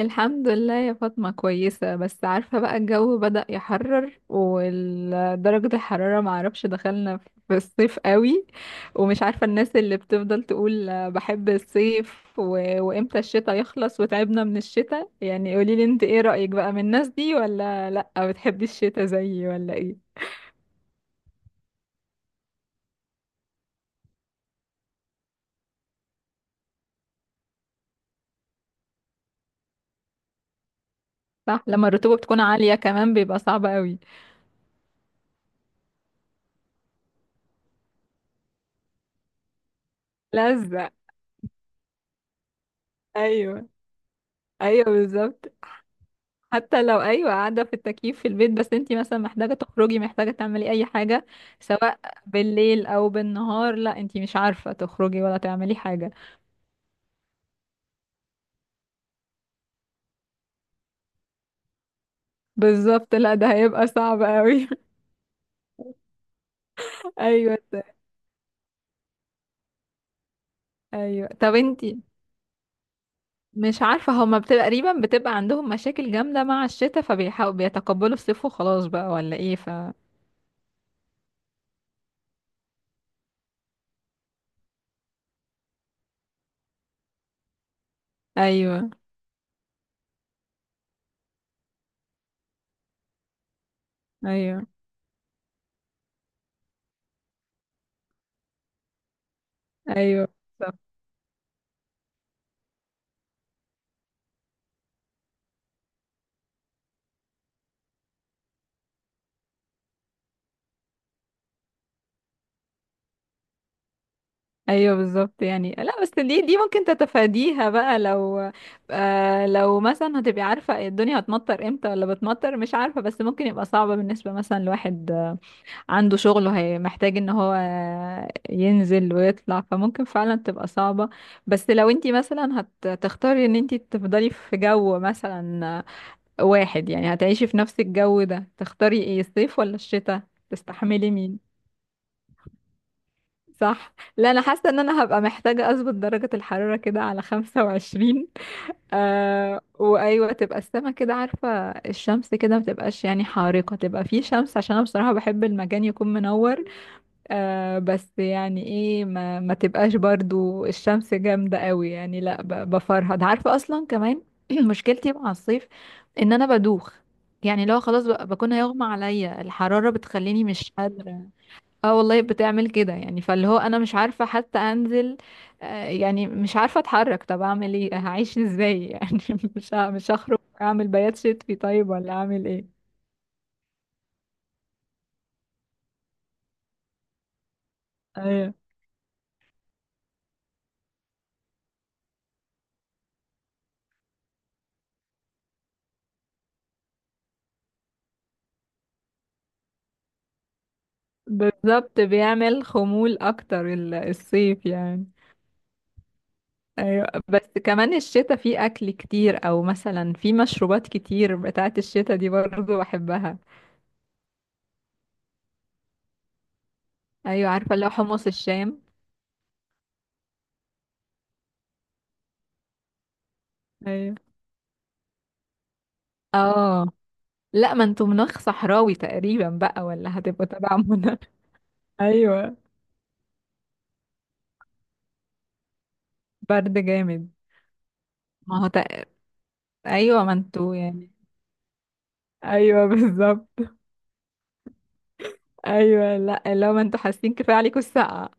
الحمد لله يا فاطمة، كويسة. بس عارفة بقى الجو بدأ يحرر ودرجة الحرارة معرفش دخلنا في الصيف قوي. ومش عارفة الناس اللي بتفضل تقول بحب الصيف وامتى الشتاء يخلص وتعبنا من الشتاء. يعني قوليلي انت ايه رأيك بقى من الناس دي ولا لأ؟ بتحبي الشتاء زيي ولا ايه؟ صح، لما الرطوبة بتكون عالية كمان بيبقى صعب قوي. لزق. ايوه. ايوه بالظبط. حتى لو ايوه قاعده في التكييف في البيت، بس انتي مثلا محتاجه تخرجي، محتاجه تعملي اي حاجه سواء بالليل او بالنهار، لا انتي مش عارفه تخرجي ولا تعملي حاجه. بالظبط، لا ده هيبقى صعب قوي. ايوه ايوه طب انتي. مش عارفه، هما بتبقى تقريبا بتبقى عندهم مشاكل جامده مع الشتاء فبيحاولوا بيتقبلوا الصيف وخلاص بقى، ولا ايه؟ ايوه. ايوه. ايوه. ايوه بالظبط. يعني لا بس دي ممكن تتفاديها بقى، لو لو مثلا هتبقي عارفه الدنيا هتمطر امتى ولا بتمطر، مش عارفه. بس ممكن يبقى صعبه بالنسبه مثلا لواحد عنده شغل وهي محتاج ان هو ينزل ويطلع، فممكن فعلا تبقى صعبه. بس لو انتي مثلا هتختاري ان انتي تفضلي في جو مثلا واحد، يعني هتعيشي في نفس الجو ده، تختاري ايه، الصيف ولا الشتاء؟ تستحملي مين؟ صح. لا انا حاسه ان انا هبقى محتاجه اظبط درجه الحراره كده على 25. آه، وايوه تبقى السما كده، عارفه الشمس كده ما تبقاش يعني حارقه، تبقى في شمس عشان انا بصراحه بحب المكان يكون منور. آه، بس يعني ايه، ما تبقاش برضو الشمس جامده قوي يعني. لا بفرهد، عارفه اصلا كمان مشكلتي مع الصيف ان انا بدوخ. يعني لو خلاص بكون هيغمى عليا، الحراره بتخليني مش قادره. اه والله بتعمل كده يعني، فاللي هو انا مش عارفة حتى انزل. يعني مش عارفة اتحرك، طب اعمل ايه؟ هعيش ازاي يعني؟ مش هخرج، اعمل بيات شتوي طيب ولا اعمل ايه؟ ايوه بالظبط، بيعمل خمول اكتر الصيف يعني. ايوه، بس كمان الشتاء فيه اكل كتير او مثلا فيه مشروبات كتير بتاعت الشتاء دي برضو بحبها. ايوه عارفة، اللي هو حمص الشام. ايوه. اه لا، ما انتوا مناخ صحراوي تقريبا بقى، ولا هتبقوا تبع مناخ؟ ايوه. برد جامد. ما هو تق... ايوه، ما انتوا يعني. ايوه بالظبط. ايوه لا، لو ما انتوا حاسين كفايه عليكم السقعه.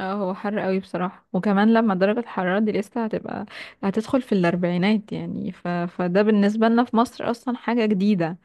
اه هو حر قوي بصراحه، وكمان لما درجه الحراره دي لسه هتبقى، هتدخل في الاربعينات يعني. فده بالنسبه لنا في مصر اصلا حاجه جديده.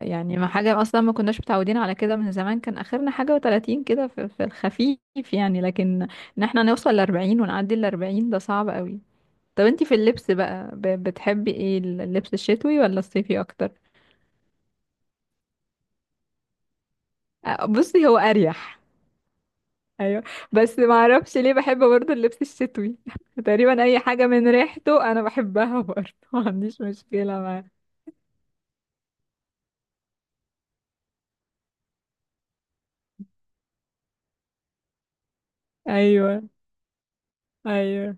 يعني ما حاجه اصلا، ما كناش متعودين على كده، من زمان كان اخرنا حاجه و30 كده في الخفيف يعني. لكن ان احنا نوصل ل40 ونعدي ال40، ده صعب قوي. طب انتي في اللبس بقى، بتحبي ايه، اللبس الشتوي ولا الصيفي اكتر؟ بصي هو اريح. ايوه، بس ما اعرفش ليه بحب برضه اللبس الشتوي تقريبا اي حاجه من ريحته انا بحبها برضه ما عنديش مشكله معاه. ايوه. ايوه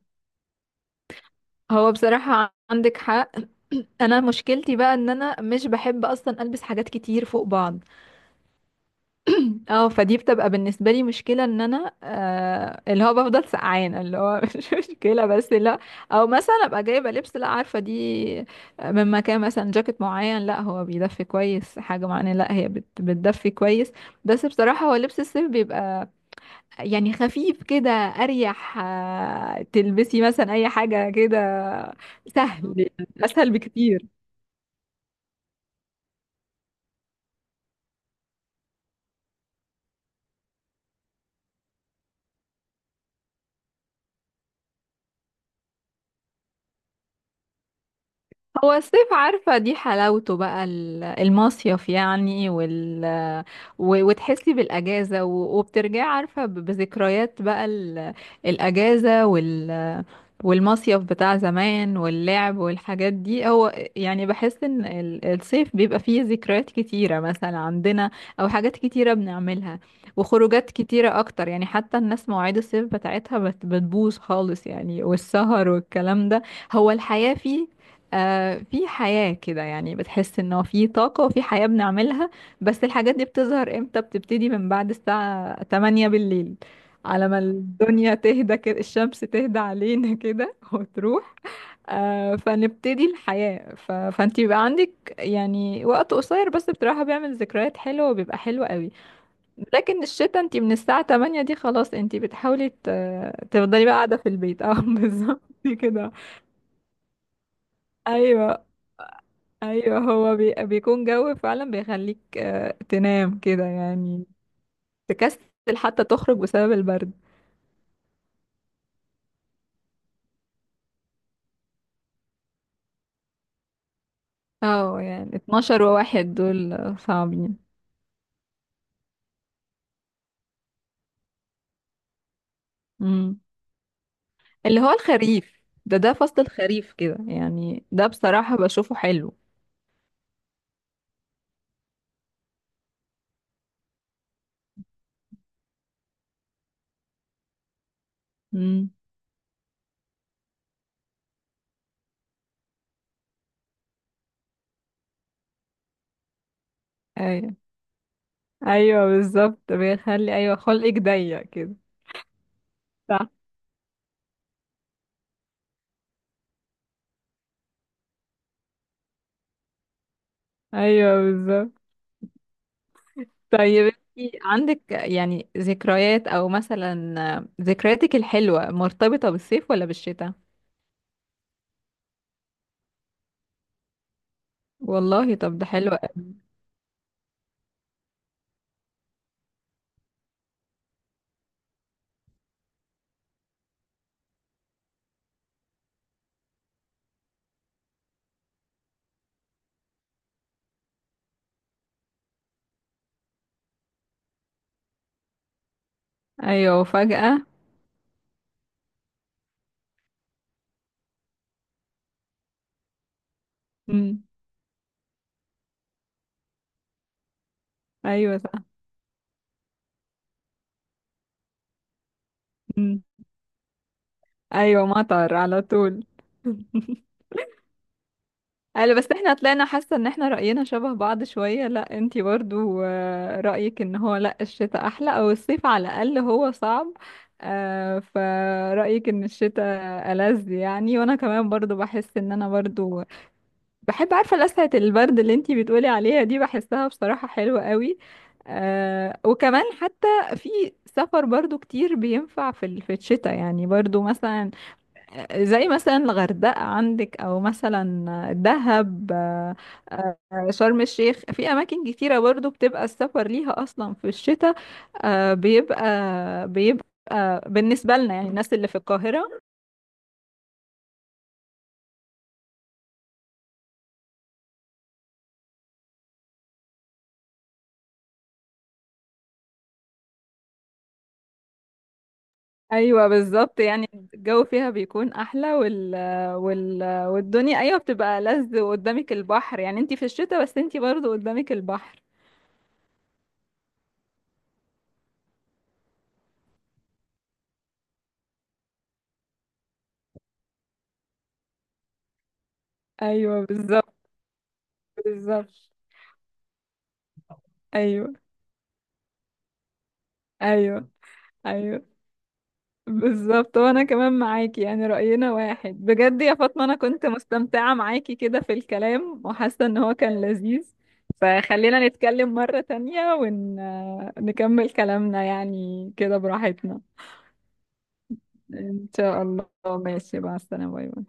هو بصراحه عندك حق. انا مشكلتي بقى ان انا مش بحب اصلا البس حاجات كتير فوق بعض. اه، فدي بتبقى بالنسبه لي مشكله، ان انا آه اللي هو بفضل سقعانه اللي هو مش مشكله بس. لا، او مثلا ابقى جايبه لبس، لا عارفه دي من مكان مثلا، جاكيت معين لا هو بيدفي كويس، حاجه معينه لا هي بتدفي كويس. بس بصراحه هو لبس الصيف بيبقى يعني خفيف كده، اريح. تلبسي مثلا اي حاجه كده سهل، اسهل بكتير. هو الصيف عارفة، دي حلاوته بقى المصيف يعني، وتحسي بالأجازة وبترجعي عارفة بذكريات بقى الأجازة والمصيف بتاع زمان واللعب والحاجات دي. هو يعني بحس ان الصيف بيبقى فيه ذكريات كتيرة مثلا عندنا، او حاجات كتيرة بنعملها، وخروجات كتيرة اكتر يعني. حتى الناس مواعيد الصيف بتاعتها بتبوظ خالص يعني، والسهر والكلام ده. هو الحياة فيه، آه في حياة كده يعني، بتحس انه في طاقة وفي حياة بنعملها. بس الحاجات دي بتظهر امتى؟ بتبتدي من بعد الساعة 8 بالليل، على ما الدنيا تهدى كده، الشمس تهدى علينا كده وتروح. آه، فنبتدي الحياة، فانت بيبقى عندك يعني وقت قصير، بس بصراحة بيعمل ذكريات حلوة وبيبقى حلو قوي. لكن الشتا انت من الساعة 8 دي خلاص، انت بتحاولي تفضلي بقى قاعدة في البيت اه بالظبط كده. ايوه. ايوه هو بيكون جو فعلا بيخليك تنام كده يعني، تكسل حتى تخرج بسبب البرد. اه يعني 12 وواحد دول صعبين. امم. اللي هو الخريف ده، ده فصل الخريف كده يعني، ده بصراحة بشوفه حلو. امم. ايوه. ايوه بالظبط بيخلي، ايوه خلقك ضيق كده. صح. ايوه بالظبط. طيب انتي عندك يعني ذكريات، او مثلا ذكرياتك الحلوة مرتبطة بالصيف ولا بالشتاء؟ والله طب ده حلو قوي. ايوه وفجأة. امم. ايوه صح. امم. ايوه مطر على طول. قالوا. بس احنا طلعنا حاسه ان احنا رأينا شبه بعض شويه، لا انتي برضو رأيك ان هو لا الشتاء احلى، او الصيف على الاقل هو صعب. فرأيك ان الشتاء ألذ يعني. وانا كمان برضو بحس ان انا برضو بحب، عارفة لسعة البرد اللي انتي بتقولي عليها دي، بحسها بصراحة حلوة قوي. آه، وكمان حتى في سفر برضو كتير بينفع في في الشتاء يعني، برضو مثلا زي مثلا الغردقة عندك، او مثلا دهب، شرم الشيخ، في اماكن كتيرة برضو بتبقى السفر ليها اصلا في الشتاء. آه بيبقى بالنسبة لنا يعني الناس اللي في القاهرة. ايوه بالظبط، يعني الجو فيها بيكون احلى والدنيا ايوه بتبقى لذ، وقدامك البحر يعني، انتي في الشتاء بس انتي برضو قدامك البحر. ايوه بالظبط. بالظبط. ايوه. ايوه. ايوه بالظبط. وانا كمان معاكي يعني، رأينا واحد بجد يا فاطمة، انا كنت مستمتعة معاكي كده في الكلام وحاسة ان هو كان لذيذ. فخلينا نتكلم مرة تانية ونكمل كلامنا يعني كده براحتنا. إن شاء الله، ماشي، مع السلامة، باي باي.